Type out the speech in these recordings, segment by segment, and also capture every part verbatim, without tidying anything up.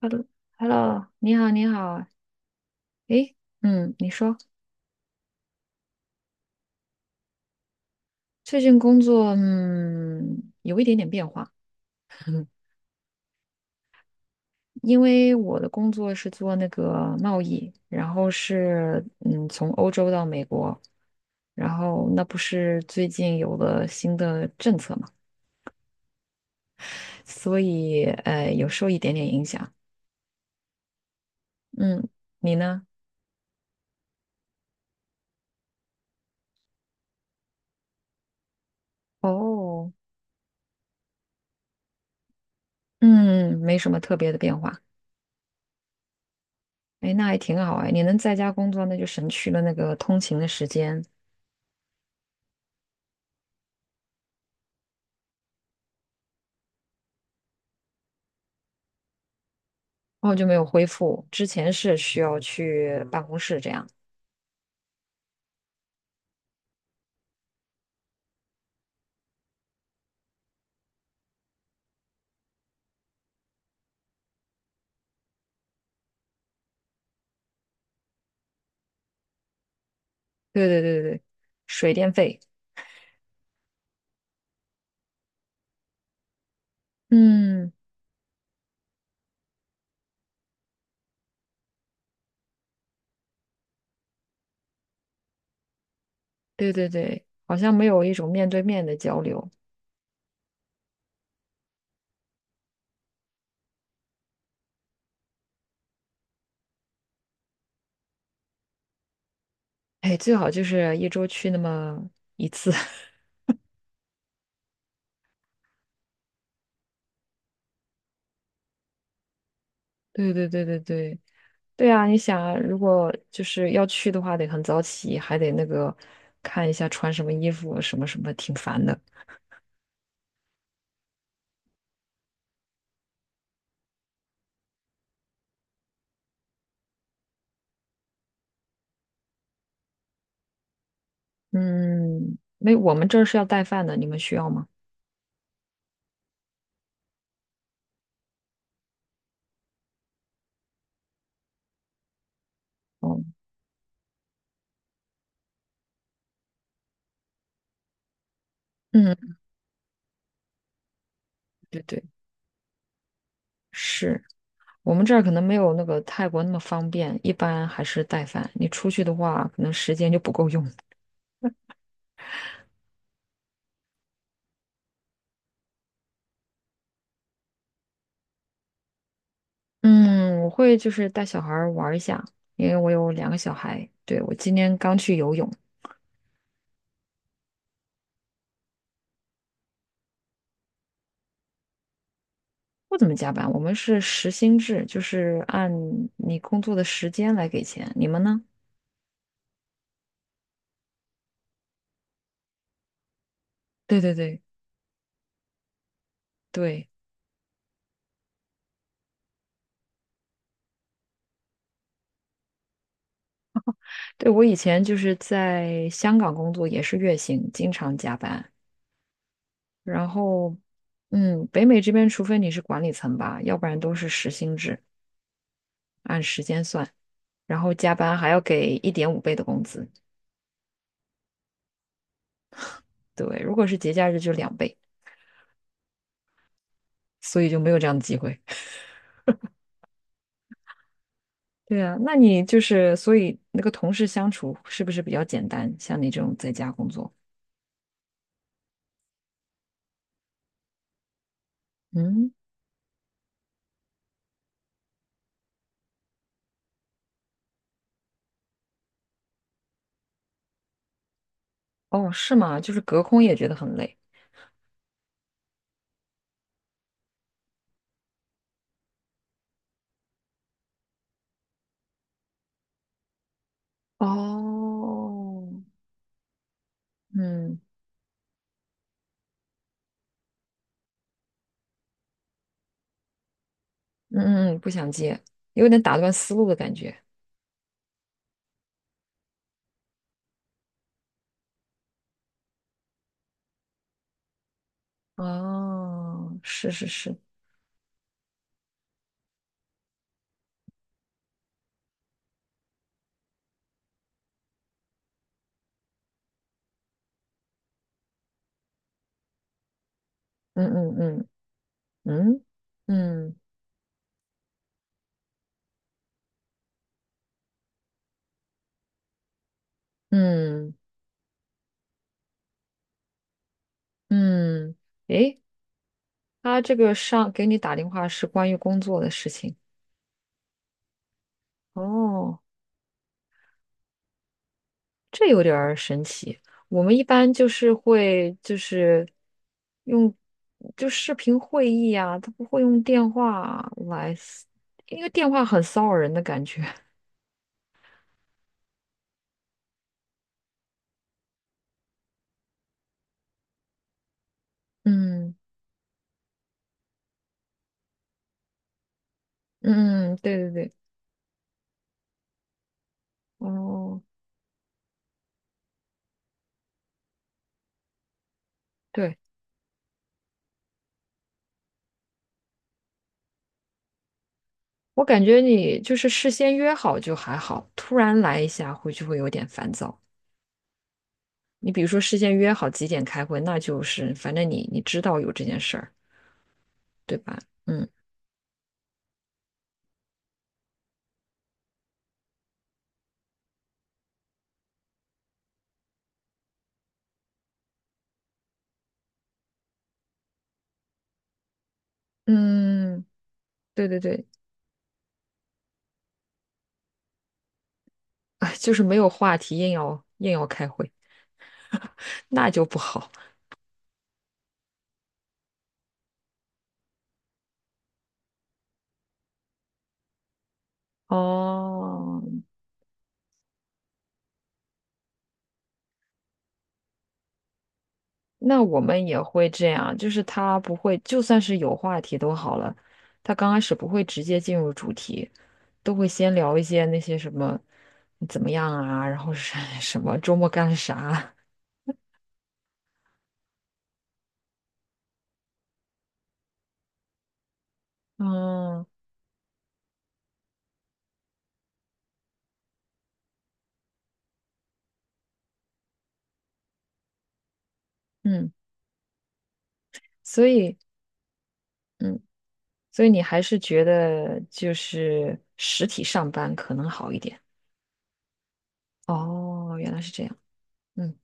Hello，Hello，你好，你好，诶，嗯，你说最近工作，嗯，有一点点变化。因为我的工作是做那个贸易，然后是嗯，从欧洲到美国。然后那不是最近有了新的政策嘛，所以呃，有受一点点影响。嗯，你呢？哦，嗯，没什么特别的变化。哎，那还挺好哎，你能在家工作，那就省去了那个通勤的时间。然后就没有恢复。之前是需要去办公室这样。对对对对，水电费，嗯，对对对，好像没有一种面对面的交流。哎，最好就是一周去那么一次。对对对对对，对啊，你想啊如果就是要去的话，得很早起，还得那个看一下穿什么衣服，什么什么，挺烦的。嗯，没，我们这儿是要带饭的，你们需要吗？哦，嗯，对对，是。我们这儿可能没有那个泰国那么方便，一般还是带饭。你出去的话，可能时间就不够用。嗯，我会就是带小孩儿玩儿一下，因为我有两个小孩。对，我今天刚去游泳。不怎么加班，我们是时薪制，就是按你工作的时间来给钱。你们呢？对对对对对，我以前就是在香港工作，也是月薪，经常加班。然后，嗯，北美这边，除非你是管理层吧，要不然都是时薪制。按时间算，然后加班还要给一点五倍的工资。对，如果是节假日就两倍，所以就没有这样的机会。对啊，那你就是所以那个同事相处是不是比较简单？像你这种在家工作，嗯，哦，是吗？就是隔空也觉得很累。哦，嗯嗯嗯，嗯不想接，有点打断思路的感觉。哦，是是是，嗯嗯嗯嗯嗯嗯嗯，诶，他这个上给你打电话是关于工作的事情。哦，这有点儿神奇。我们一般就是会就是用就视频会议啊，他不会用电话来，因为电话很骚扰人的感觉。嗯嗯，对对对，哦，对，我感觉你就是事先约好就还好，突然来一下会就会有点烦躁。你比如说事先约好几点开会，那就是反正你你知道有这件事儿。对吧？嗯嗯，对对对，哎，就是没有话题，硬要硬要开会，那就不好。哦，那我们也会这样，就是他不会，就算是有话题都好了，他刚开始不会直接进入主题，都会先聊一些那些什么你怎么样啊，然后是 什么周末干了啥，嗯嗯，所以嗯，所以你还是觉得就是实体上班可能好一点。哦，原来是这样。嗯，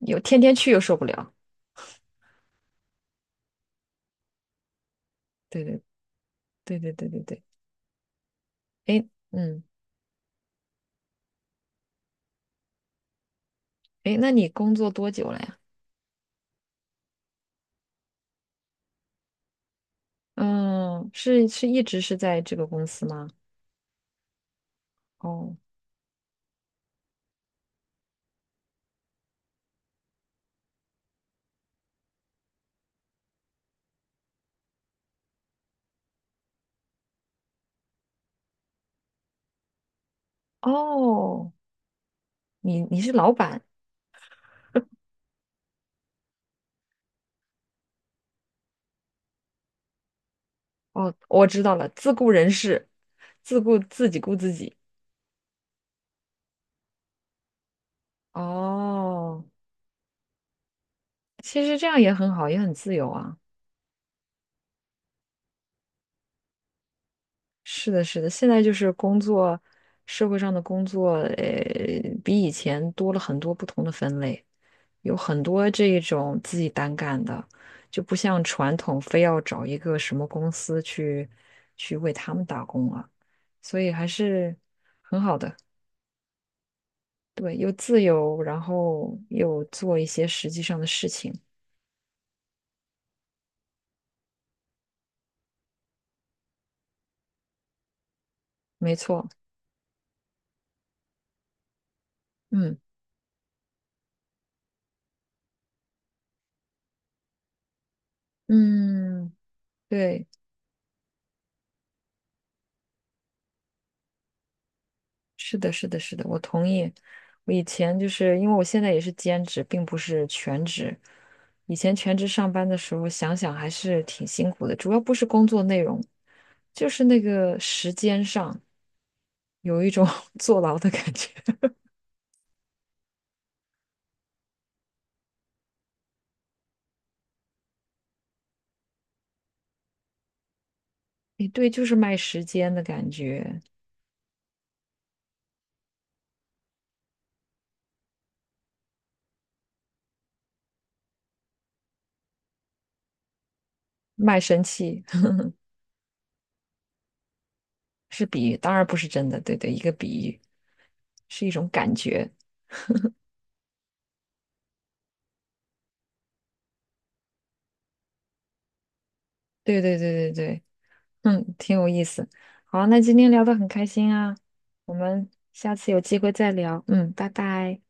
有天天去又受不了。对对对对对对对。哎，嗯，哎，那你工作多久了呀？嗯，是是一直是在这个公司吗？哦哦，你你是老板哦，我知道了，自雇人士，自雇自己雇自己。哦，其实这样也很好，也很自由啊。是的，是的，现在就是工作，社会上的工作，呃，比以前多了很多不同的分类。有很多这种自己单干的，就不像传统非要找一个什么公司去去为他们打工了，所以还是很好的，对，又自由，然后又做一些实际上的事情，没错，嗯嗯，对。是的，是的，是的，我同意。我以前就是因为我现在也是兼职，并不是全职。以前全职上班的时候，想想还是挺辛苦的，主要不是工作内容，就是那个时间上有一种 坐牢的感觉。诶，对，就是卖时间的感觉，卖身契 是比喻，当然不是真的。对对，一个比喻是一种感觉。对对对对对。嗯，挺有意思。好，那今天聊得很开心啊，我们下次有机会再聊。嗯，拜拜。